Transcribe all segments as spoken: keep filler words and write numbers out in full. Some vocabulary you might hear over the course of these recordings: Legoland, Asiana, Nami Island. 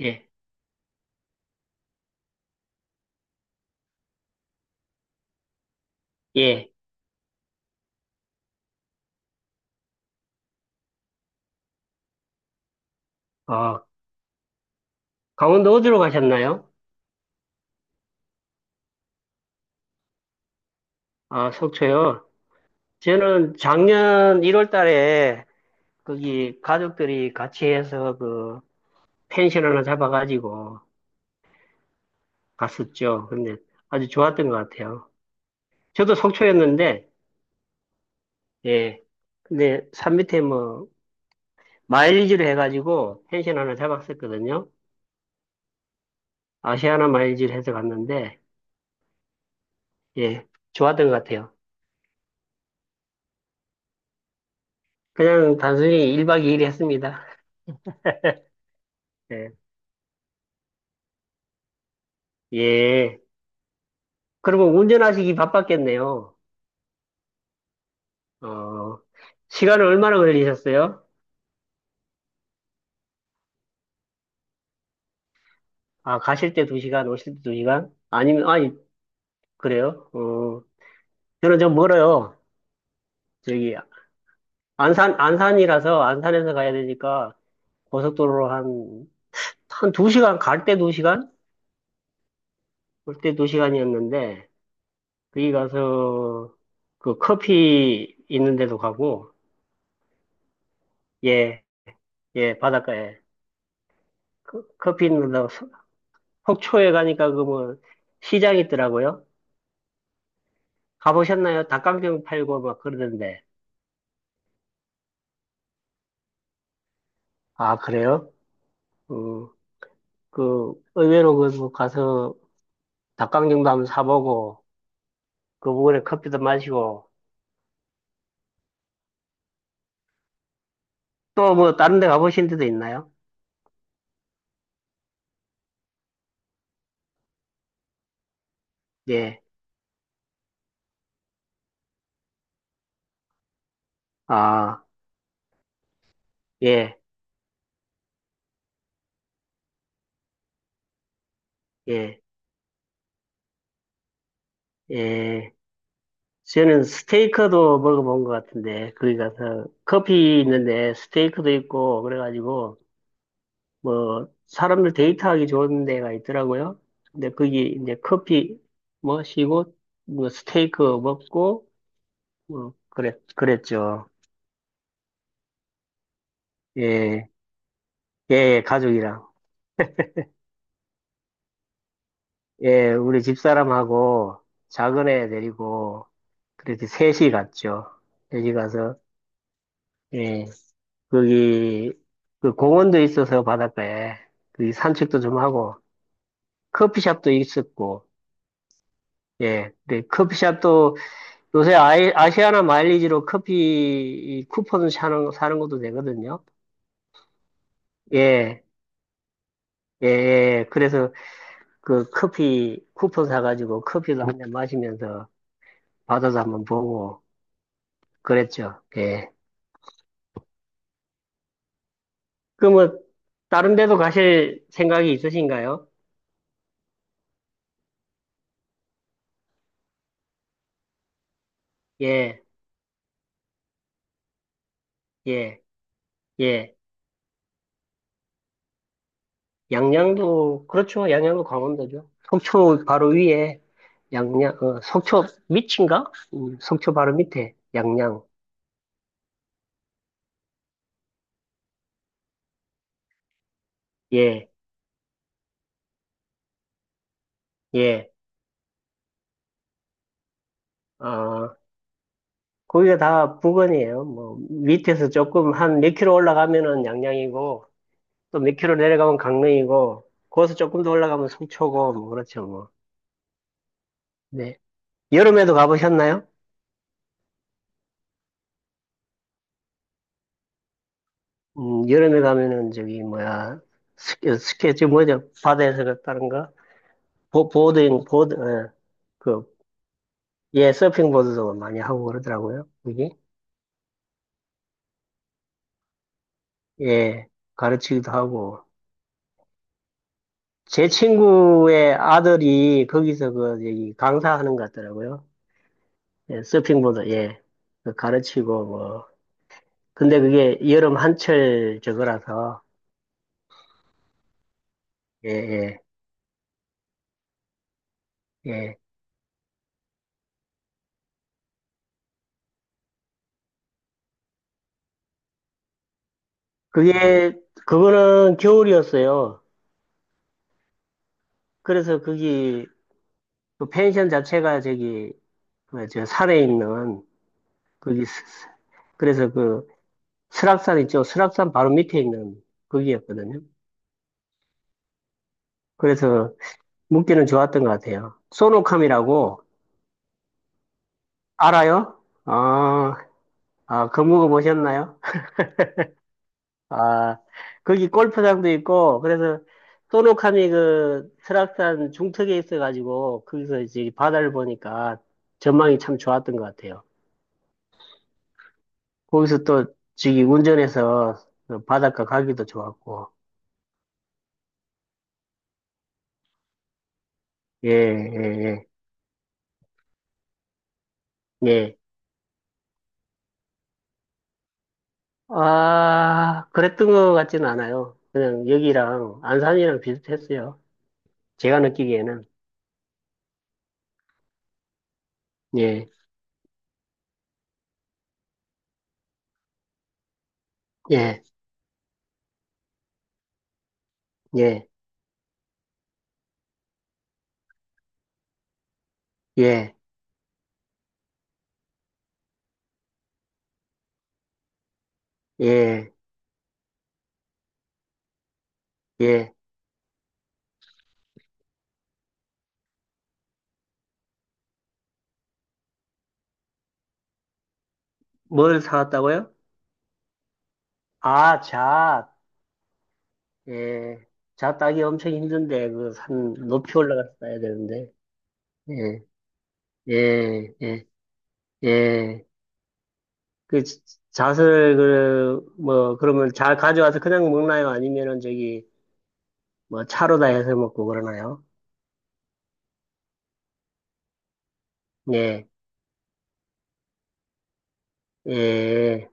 예, 예. 어, 강원도 어디로 가셨나요? 아, 속초요. 저는 작년 일 월 달에 거기 가족들이 같이 해서 그 펜션 하나 잡아가지고 갔었죠. 근데 아주 좋았던 것 같아요. 저도 속초였는데, 예. 근데 산 밑에 뭐 마일리지를 해가지고 펜션 하나 잡았었거든요. 아시아나 마일리지를 해서 갔는데, 예. 좋았던 것 같아요. 그냥 단순히 일 박 이 일 했습니다. 예. 예. 그리고 운전하시기 바빴겠네요. 어, 시간을 얼마나 걸리셨어요? 아, 가실 때 두시간 오실 때 두시간 아니면, 아니, 그래요? 어, 저는 좀 멀어요. 저기, 안산, 안산이라서, 안산에서 가야 되니까, 고속도로로 한, 한 두시간 갈 때 두시간 올 때 두시간이었는데 거기 가서, 그 커피 있는 데도 가고, 예, 예, 바닷가에. 그, 커피 있는 데도, 속초에 가니까 그 뭐, 시장 있더라고요. 가보셨나요? 닭강정 팔고 막 그러던데. 아, 그래요? 음, 그, 의외로 그, 뭐 가서 닭강정도 한번 사보고, 그 부근에 커피도 마시고, 또 뭐 다른 데 가보신 데도 있나요? 예. 아, 예, 예, 예. 저는 스테이크도 먹어본 것 같은데, 거기 가서 커피 있는데 스테이크도 있고, 그래가지고, 뭐 사람들 데이트하기 좋은 데가 있더라고요. 근데 거기 이제 커피 마시고 뭐 스테이크 먹고 뭐 그랬 그랬죠. 예, 예, 예, 가족이랑 예, 우리 집사람하고 작은 애 데리고 그렇게 셋이 갔죠. 셋이 가서 예, 거기 그 공원도 있어서 바닷가에 거기 산책도 좀 하고 커피숍도 있었고 예, 근데 커피숍도 요새 아이, 아시아나 마일리지로 커피 쿠폰 사는, 사는 것도 되거든요. 예, 예, 예. 그래서 그 커피 쿠폰 사가지고 커피도 한잔 마시면서 바다도 한번 보고 그랬죠. 예. 그러면 다른 데도 가실 생각이 있으신가요? 예, 예, 예. 양양도, 그렇죠. 양양도 강원도죠. 속초 바로 위에 양양, 어, 속초 밑인가? 음, 속초 바로 밑에 양양. 예, 예. 어, 거기가 다 부근이에요. 뭐 밑에서 조금 한 몇 킬로 올라가면은 양양이고 또 몇 킬로 내려가면 강릉이고 거기서 조금 더 올라가면 속초고 뭐 그렇죠 뭐. 네. 여름에도 가보셨나요? 음, 여름에 가면은 저기 뭐야 스케 스케치 뭐죠? 바다에서 갔다는가? 보 보드ing 보드 예. 그 예, 서핑보드도 많이 하고 그러더라고요. 거기. 예. 가르치기도 하고 제 친구의 아들이 거기서 그 저기 강사하는 것 같더라고요. 예, 서핑보드, 예. 그 가르치고, 뭐. 근데 그게 여름 한철 저거라서, 예, 예, 예. 그게, 그거는 겨울이었어요. 그래서 거기, 그 펜션 자체가 저기, 그, 저 산에 있는, 거기, 스- 스- 그래서 그, 설악산 있죠. 설악산 바로 밑에 있는 거기였거든요. 그래서 묵기는 좋았던 것 같아요. 소노캄이라고, 알아요? 아, 아, 그 묵어 보셨나요? 아, 거기 골프장도 있고, 그래서 소노카미 그 설악산 중턱에 있어가지고, 거기서 이제 바다를 보니까 전망이 참 좋았던 것 같아요. 거기서 또 저기 운전해서 그 바닷가 가기도 좋았고, 예, 예, 예, 예. 아, 그랬던 것 같지는 않아요. 그냥 여기랑 안산이랑 비슷했어요. 제가 느끼기에는. 예, 예, 예, 예, 예, 예. 뭘 사왔다고요? 아, 잣. 예, 자 따기 엄청 힘든데 그산 높이 올라가서 따야 되는데 예, 예, 예, 예. 그 자- 잣을 그 뭐 그러면 잘 가져와서 그냥 먹나요? 아니면은 저기 뭐 차로 다 해서 먹고 그러나요? 예, 예.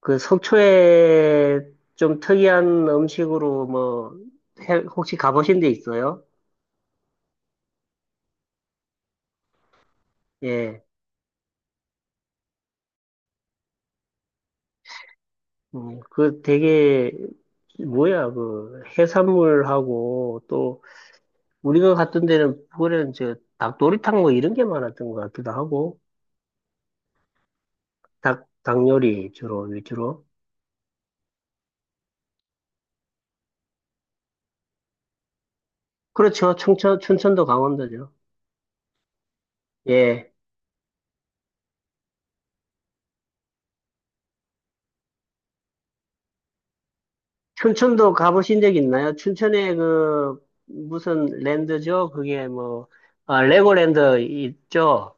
그 속초에 좀 특이한 음식으로 뭐 해- 혹시 가보신 데 있어요? 예, 음, 그 되게 뭐야 그 해산물하고 또 우리가 갔던 데는 그거는 저 닭도리탕 뭐 이런 게 많았던 것 같기도 하고 닭 닭요리 주로 위주로 그렇죠. 충천 춘천도 강원도죠. 예. 춘천도 가보신 적 있나요? 춘천에 그 무슨 랜드죠 그게 뭐 아, 레고랜드 있죠.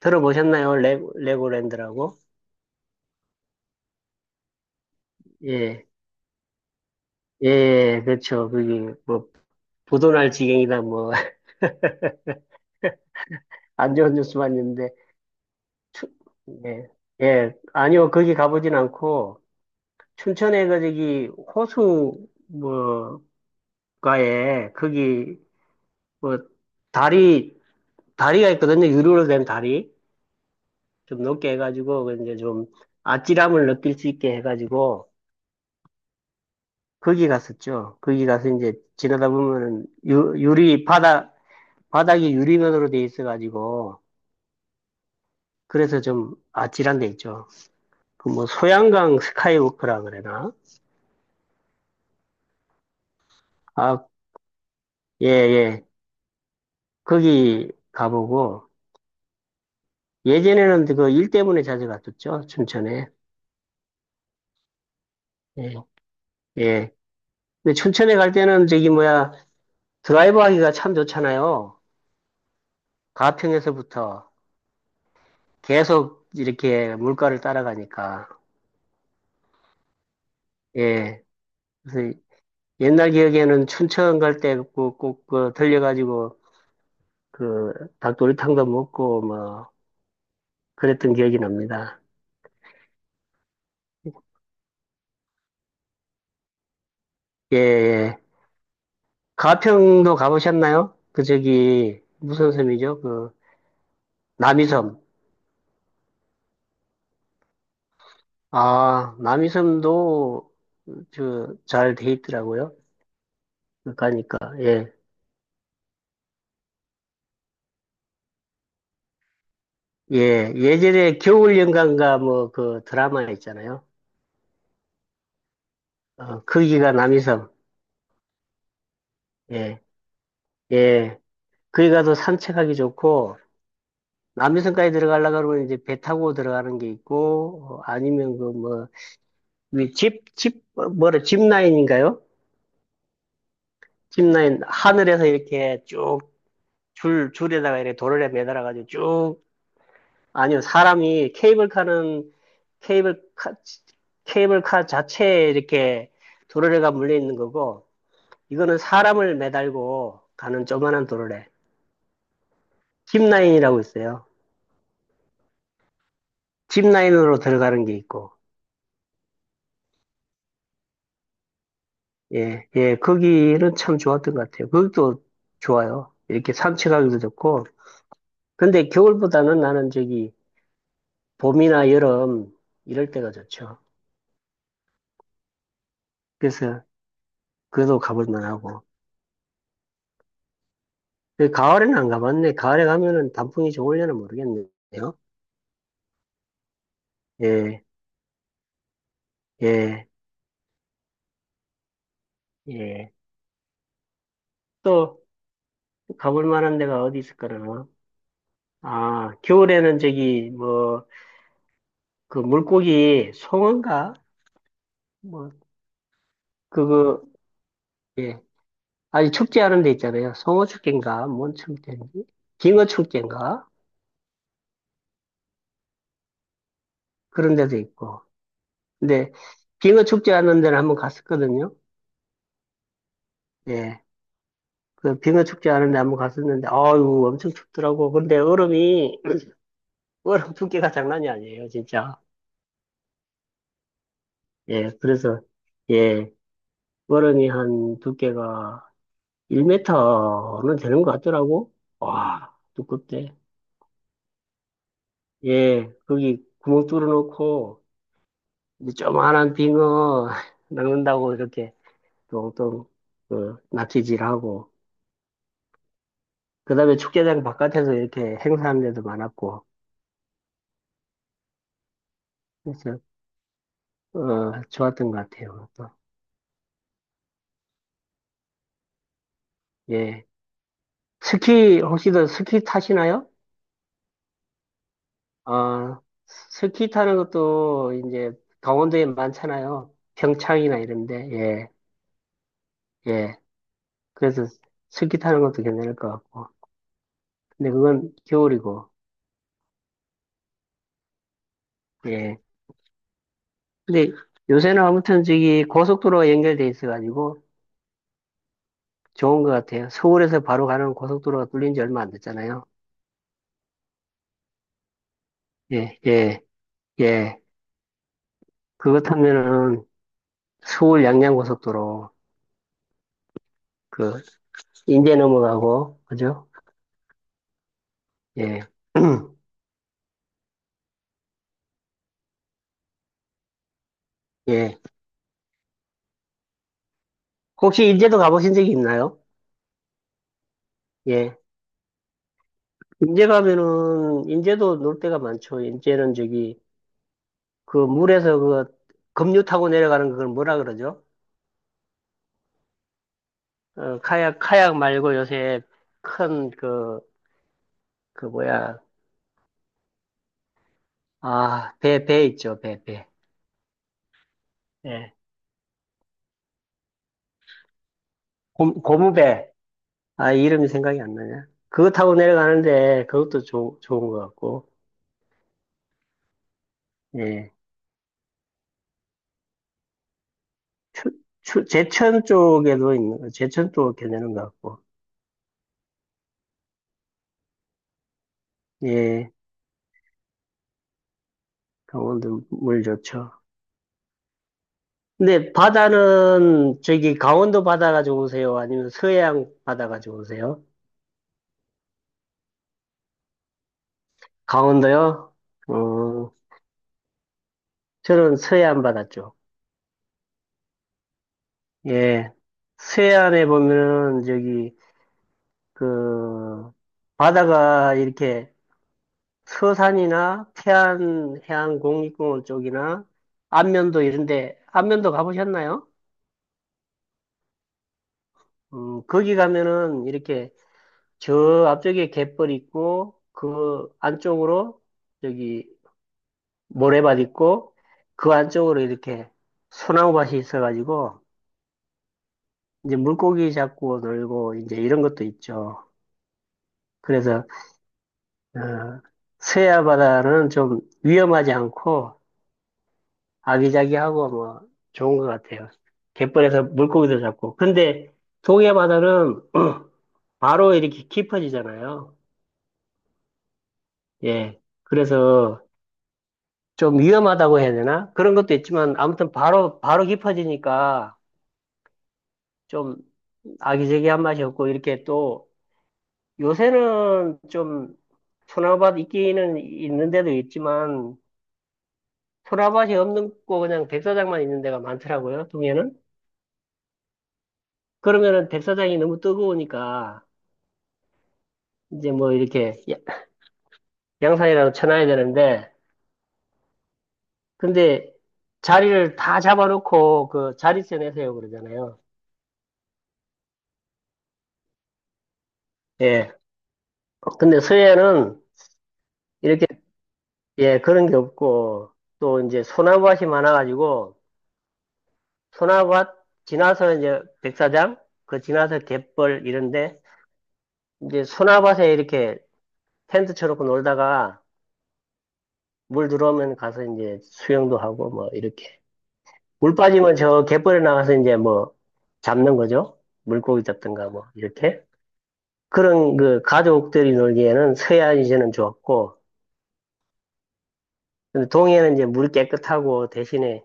들어보셨나요? 레, 레고랜드라고 예. 예. 그렇죠 그게 뭐 부도날 지경이다 뭐 안 좋은 뉴스만 있는데 추- 예. 예, 아니요, 거기 가보진 않고, 춘천에 그 저기 호수 뭐가에 거기 뭐 다리 다리가 있거든요. 유리로 된 다리 좀 높게 해가지고 그 이제 좀 아찔함을 느낄 수 있게 해가지고 거기 갔었죠. 거기 가서 이제 지나다 보면은 유, 유리 바닥 바닥이 유리면으로 돼 있어가지고 그래서 좀 아찔한 데 있죠. 그 뭐 소양강 스카이워크라 그래나? 아, 예, 예. 거기 가보고 예전에는 그 일 때문에 자주 갔었죠, 춘천에. 예. 예. 근데 춘천에 갈 때는 저기 뭐야, 드라이브 하기가 참 좋잖아요. 가평에서부터 계속 이렇게 물가를 따라가니까. 예. 그래서 옛날 기억에는 춘천 갈 때 꼭, 꼭, 그 들려가지고 그 닭도리탕도 먹고 뭐 그랬던 기억이 납니다. 예, 예. 가평도 가보셨나요? 그 저기 무슨 섬이죠? 그 남이섬. 아, 남이섬도 저잘 돼 있더라고요. 가니까 예, 예, 예전에 겨울연가인가 뭐 그 드라마 있잖아요. 어, 거기가 남이섬. 예, 예, 거기 가도 산책하기 좋고 남이섬까지 들어가려고 그러면 이제 배 타고 들어가는 게 있고 어, 아니면 그뭐집집 뭐라 짚라인인가요? 짚라인 하늘에서 이렇게 쭉 줄 줄에다가 이렇게 도로래 매달아 가지고 아니요, 사람이 케이블카는 케이블카, 케이블카 자체에 이렇게 도르래가 물려 있는 거고, 이거는 사람을 매달고 가는 조그만한 도르래. 짚라인이라고 있어요. 짚라인으로 들어가는 게 있고, 예, 예, 거기는 참 좋았던 것 같아요. 거기도 좋아요. 이렇게 산책하기도 좋고, 근데 겨울보다는 나는 저기 봄이나 여름 이럴 때가 좋죠. 그래서 그도 가볼 만하고. 그 가을에는 안 가봤네. 가을에 가면은 단풍이 좋을려나 모르겠네요. 예, 예, 예. 또 가볼 만한 데가 어디 있을까나? 아, 겨울에는 저기 뭐 그 물고기 송어인가? 뭐 그거 예. 아주 춥지 않은 데 있잖아요. 송어 축제인가? 뭔 축제인지? 빙어 축제인가? 그런 데도 있고. 근데 빙어 축제 하는 데는 한번 갔었거든요. 예. 그 빙어 축제 하는 데 한번 갔었는데 아유 엄청 춥더라고. 근데 얼음이 워름 두께가 장난이 아니에요, 진짜. 예, 그래서, 예, 워름이 한 두께가 일 미터는 되는 것 같더라고. 와, 두껍대. 예, 거기 구멍 뚫어놓고, 이제 조그만한 빙어 낚는다고 이렇게 똥똥, 그, 낚시질하고, 그 다음에 축제장 바깥에서 이렇게 행사하는 데도 많았고, 그래서, 어, 좋았던 것 같아요, 또. 예. 스키, 혹시 더 스키 타시나요? 아, 스키 타는 것도 이제 강원도에 많잖아요. 평창이나 이런데, 예, 예. 그래서 스키 타는 것도 괜찮을 것 같고. 근데 그건 겨울이고, 예. 근데 요새는 아무튼 저기 고속도로가 연결돼 있어가지고 좋은 것 같아요. 서울에서 바로 가는 고속도로가 뚫린 지 얼마 안 됐잖아요. 예, 예, 예. 그거 타면은 서울 양양 고속도로, 그, 인제 넘어가고, 그죠? 예, 예. 혹시 인제도 가보신 적이 있나요? 예. 인제 가면은, 인제도 놀 데가 많죠. 인제는 저기, 그 물에서 그 급류 타고 내려가는 그걸 뭐라 그러죠? 어, 카약, 카약 말고 요새 큰 그, 그 뭐야, 아, 배, 배 있죠. 배, 배. 예. 고, 고무배. 아, 이름이 생각이 안 나냐? 그거 타고 내려가는데 그것도 좋 좋은 것 같고, 예. 추, 추, 제천 쪽에도 있는, 제천 쪽 괜찮은 것 같고, 예. 강원도 물 좋죠. 근데 바다는 저기 강원도 바다가 좋으세요? 아니면 서해안 바다가 좋으세요? 강원도요? 어, 저는 서해안 바다 쪽. 예. 서해안에 보면은 저기 그 바다가 이렇게 서산이나 태안 해안국립공원 쪽이나 안면도 이런데 안면도 가보셨나요? 음, 거기 가면은 이렇게 저 앞쪽에 갯벌 있고 그 안쪽으로 저기 모래밭 있고 그 안쪽으로 이렇게 소나무밭이 있어가지고 이제 물고기 잡고 놀고 이제 이런 것도 있죠. 그래서 어, 서해안 바다는 좀 위험하지 않고 아기자기하고 뭐 좋은 것 같아요. 갯벌에서 물고기도 잡고. 근데 동해 바다는 바로 이렇게 깊어지잖아요. 예. 그래서 좀 위험하다고 해야 되나? 그런 것도 있지만 아무튼 바로 바로 깊어지니까 좀 아기자기한 맛이 없고 이렇게 또 요새는 좀 소나밭 있기는 있는 데도 있지만 소나밭이 없는 거 그냥 백사장만 있는 데가 많더라고요 동해는. 그러면은 백사장이 너무 뜨거우니까 이제 뭐 이렇게 야- 양산이라도 쳐놔야 되는데 근데 자리를 다 잡아놓고 그 자릿세 내세요 그러잖아요. 예. 근데 서해는 이렇게 예 그런 게 없고 또 이제 소나밭이 많아가지고 소나밭 지나서 이제 백사장 그 지나서 갯벌 이런데 이제 소나밭에 이렇게 텐트 쳐놓고 놀다가 물 들어오면 가서 이제 수영도 하고 뭐 이렇게 물 빠지면 저 갯벌에 나가서 이제 뭐 잡는 거죠. 물고기 잡든가 뭐 이렇게 그런 그 가족들이 놀기에는 서해안 이제는 좋았고 근데 동해는 이제 물이 깨끗하고 대신에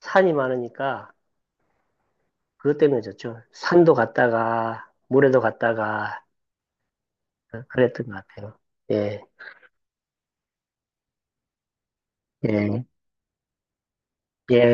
산이 많으니까 그것 때문에 좋죠. 산도 갔다가 물에도 갔다가 그랬던 것 같아요. 예, 예, 예.